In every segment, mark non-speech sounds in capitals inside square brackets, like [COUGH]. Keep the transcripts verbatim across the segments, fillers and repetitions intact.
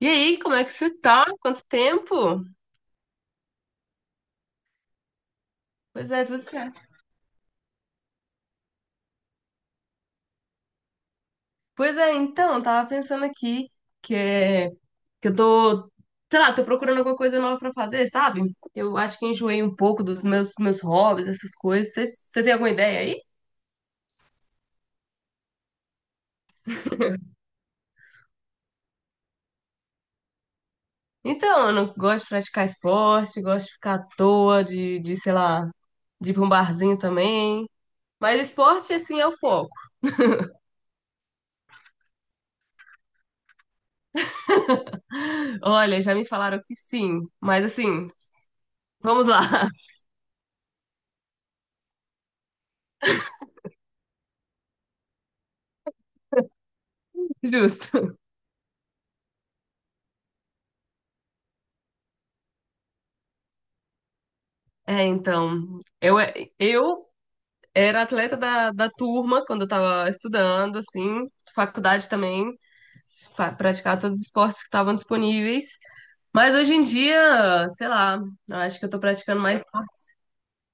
E aí, como é que você tá? Quanto tempo? Pois é, tudo certo. Pois é, então, eu tava pensando aqui que, é, que eu tô, sei lá, tô procurando alguma coisa nova pra fazer, sabe? Eu acho que enjoei um pouco dos meus, meus hobbies, essas coisas. Você você tem alguma ideia aí? Então, eu não gosto de praticar esporte, gosto de ficar à toa, de, de, sei lá, de ir pra um barzinho também. Mas esporte, assim, é o foco. Olha, já me falaram que sim, mas assim, vamos lá, [LAUGHS] justo. É, então, eu, eu era atleta da, da turma quando eu tava estudando, assim, faculdade também, fa- praticava todos os esportes que estavam disponíveis. Mas hoje em dia, sei lá, eu acho que eu tô praticando mais esportes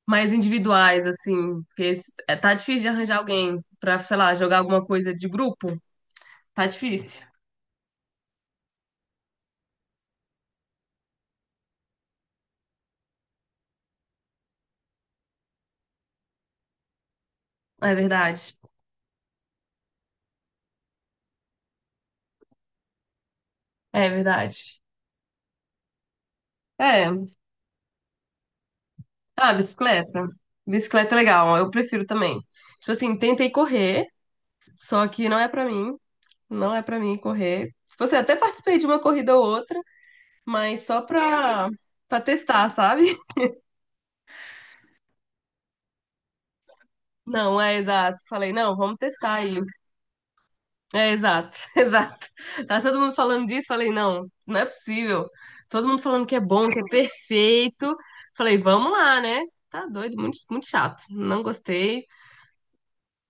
mais individuais, assim, porque esse- é, tá difícil de arranjar alguém pra, sei lá, jogar alguma coisa de grupo. Tá difícil. É verdade. É verdade. É. Ah, bicicleta. Bicicleta é legal, eu prefiro também. Tipo assim, tentei correr. Só que não é pra mim, não é pra mim correr. Tipo assim, até participei de uma corrida ou outra, mas só pra, pra testar, sabe? [LAUGHS] Não, é exato. Falei, não, vamos testar aí. É exato, [LAUGHS] exato. Tá todo mundo falando disso, falei, não, não é possível. Todo mundo falando que é bom, que é perfeito. Falei, vamos lá, né? Tá doido, muito, muito chato. Não gostei.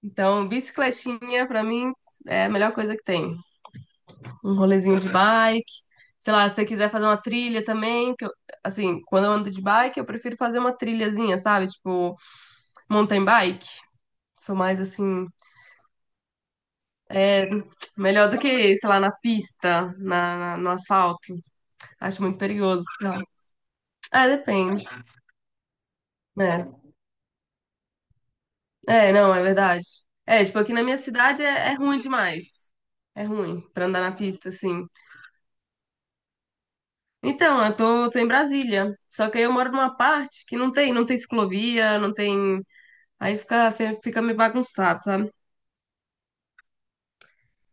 Então, bicicletinha pra mim é a melhor coisa que tem. Um rolezinho de bike. Sei lá, se você quiser fazer uma trilha também, que eu- assim, quando eu ando de bike, eu prefiro fazer uma trilhazinha, sabe? Tipo, mountain bike. Sou mais assim, é melhor do que, sei lá, na pista, na, na- no asfalto. Acho muito perigoso, sei lá. É, depende, né? É, não, é verdade. É, tipo, aqui na minha cidade é, é ruim demais. É ruim pra andar na pista, assim. Então, eu tô, tô em Brasília. Só que aí eu moro numa parte que não tem, não tem ciclovia, não tem. Aí fica, fe- fica meio bagunçado, sabe?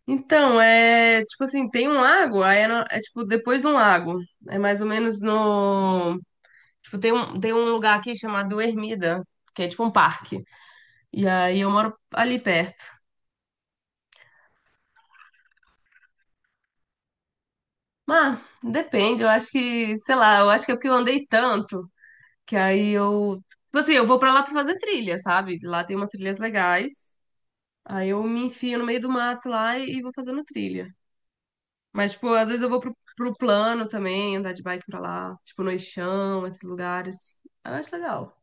Então, é tipo assim, tem um lago, aí é, no- é, tipo depois de um lago. É mais ou menos no. Tipo, tem um, tem um lugar aqui chamado Ermida, que é tipo um parque. E aí eu moro ali perto. Mas, depende, eu acho que, sei lá, eu acho que é porque eu andei tanto, que aí eu. Tipo assim, eu vou pra lá pra fazer trilha, sabe? Lá tem umas trilhas legais. Aí eu me enfio no meio do mato lá e e vou fazendo trilha. Mas, tipo, às vezes eu vou pro, pro plano também, andar de bike pra lá, tipo, no Eixão, esses lugares. Eu acho legal.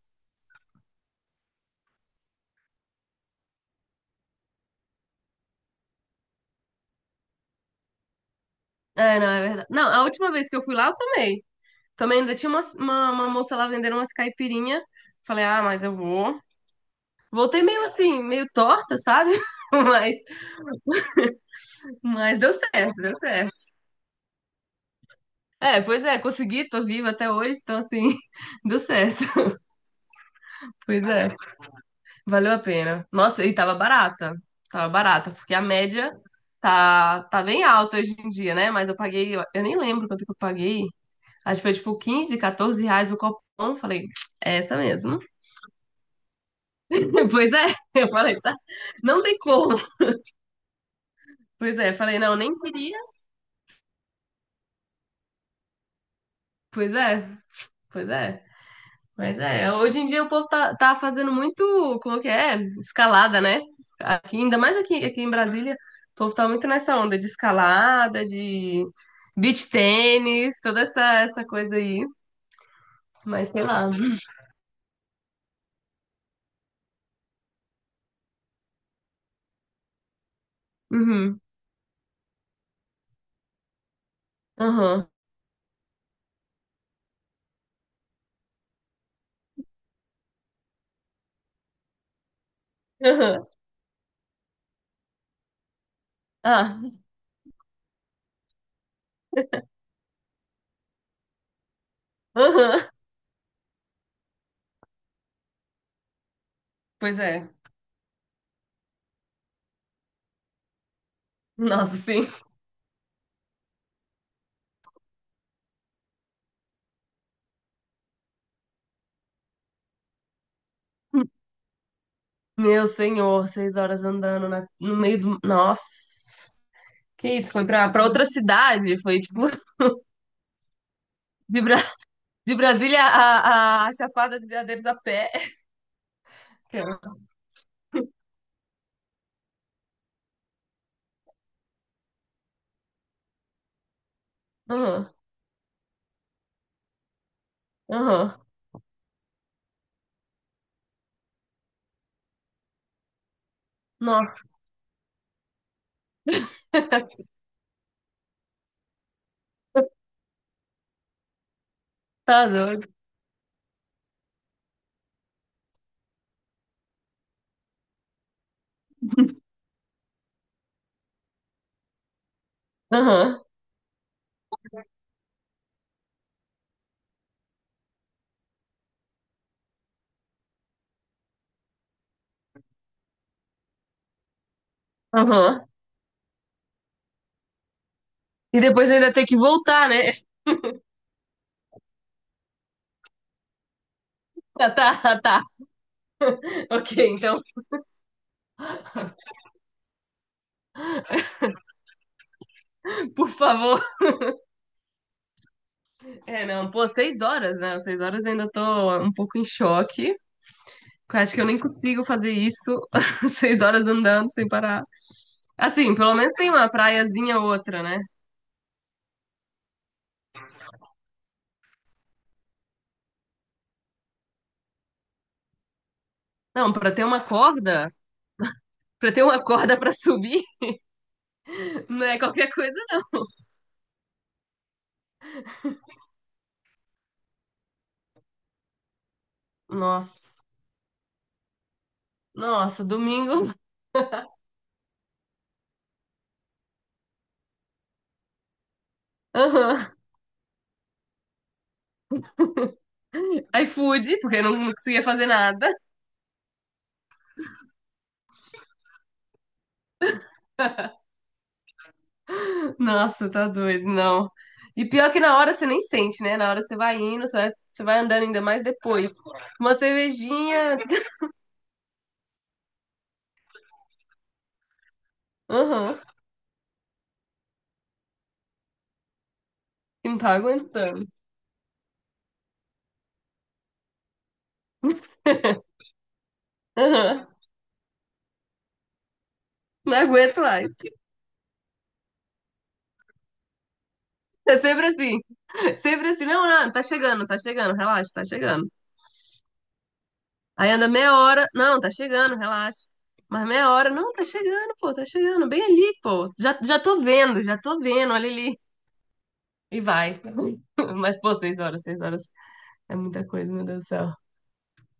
É, não, é verdade. Não, a última vez que eu fui lá, eu tomei. Também ainda tinha uma, uma, uma moça lá vendendo umas caipirinha. Falei, ah, mas eu vou. Voltei meio assim, meio torta, sabe? [LAUGHS] Mas, mas deu certo, deu certo. É, pois é, consegui, tô viva até hoje, então assim, [LAUGHS] deu certo. Pois é. Valeu a pena. Nossa, e tava barata. Tava barata, porque a média tá, tá bem alta hoje em dia, né? Mas eu paguei, eu eu nem lembro quanto que eu paguei. Acho que foi tipo quinze, quatorze reais o copão. Falei, é essa mesmo. [LAUGHS] Pois é, eu falei, "Tá, não tem como. Pois é, falei, não, nem queria. Pois é, pois é. Mas é, hoje em dia o povo tá, tá fazendo muito, como que é? Escalada, né? Esca- Aqui, ainda mais aqui, aqui em Brasília, o povo tá muito nessa onda de escalada, de beach tênis, toda essa, essa coisa aí. Mas sei lá. Uhum. Aham. Aham. Ah. Aham. Pois é. Nossa, sim. Meu senhor, seis horas andando na- no meio do. Nossa. Que isso? Foi pra, pra outra cidade? Foi tipo [LAUGHS] de, Bra- de Brasília a, a Chapada dos Veadeiros a pé. Aham, aham. Nossa, [LAUGHS] tá doido. Aham, aham. E depois ainda tem que voltar, né? [LAUGHS] Tá, tá, tá. Ok, então, [LAUGHS] por favor. É, não, pô, seis horas, né? Seis horas eu ainda tô um pouco em choque. Eu acho que eu nem consigo fazer isso. [LAUGHS] Seis horas andando sem parar. Assim, pelo menos tem uma praiazinha ou outra, né? Não, pra ter uma corda, pra ter uma [LAUGHS] corda pra subir, [LAUGHS] não é qualquer coisa, não. Nossa, nossa, domingo. [LAUGHS] Aham. iFood, porque não, não conseguia fazer nada. [LAUGHS] Nossa, tá doido, não. E pior que na hora você nem sente, né? Na hora você vai indo, você vai, você vai andando ainda mais depois. Uma cervejinha. Aham. Não tá aguentando. Aham. Não aguento mais. É sempre assim. Sempre assim. Não, não, tá chegando, tá chegando, relaxa, tá chegando. Aí anda meia hora. Não, tá chegando, relaxa. Mas meia hora, não, tá chegando, pô, tá chegando, bem ali, pô. Já, já tô vendo, já tô vendo, olha ali. E vai. [LAUGHS] Mas, pô, seis horas, seis horas. É muita coisa, meu Deus do céu.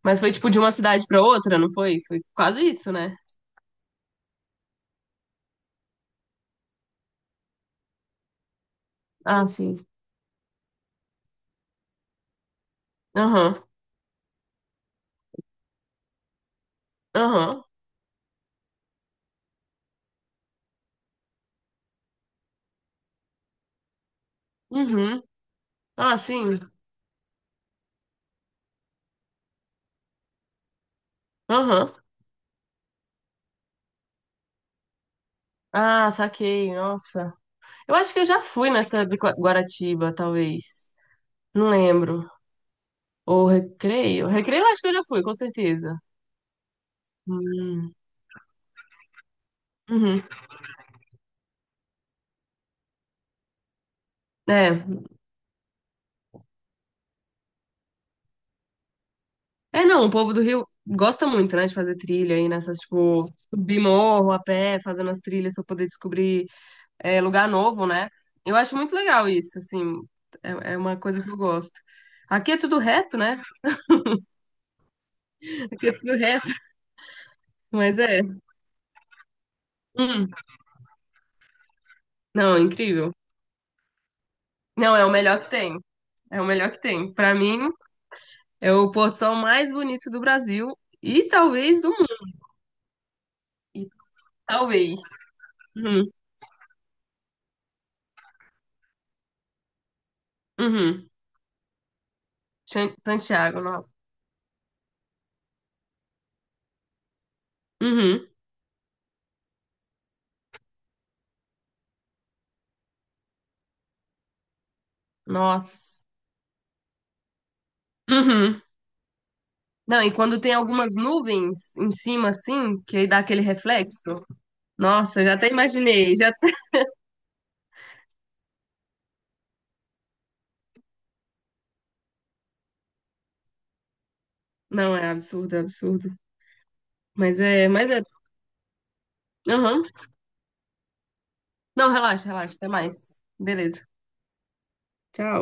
Mas foi tipo de uma cidade pra outra, não foi? Foi quase isso, né? Ah, sim. Aham. Aham. Uhum. Ah, sim. Aham. Ah, saquei. Nossa. Eu acho que eu já fui nessa de Gua- Guaratiba, talvez. Não lembro. Ou Recreio. Recreio eu acho que eu já fui, com certeza. Hum. Uhum. É. É, não, o povo do Rio gosta muito, né, de fazer trilha aí nessas, tipo, subir morro a pé, fazendo as trilhas pra poder descobrir é, lugar novo, né? Eu acho muito legal isso, assim, é, é uma coisa que eu gosto. Aqui é tudo reto, né? [LAUGHS] Aqui é tudo reto, [LAUGHS] mas é. Hum, não, incrível. Não, é o melhor que tem. É o melhor que tem. Pra mim, é o pôr do sol mais bonito do Brasil e talvez do mundo. E talvez. Uhum. Uhum. Chan- Santiago, não. Uhum. Nossa. Uhum. Não, e quando tem algumas nuvens em cima, assim, que aí dá aquele reflexo. Nossa, já até imaginei, já. Não, é absurdo, é absurdo. Mas é, mas é. Aham. Não, relaxa, relaxa. Até mais. Beleza. Tchau.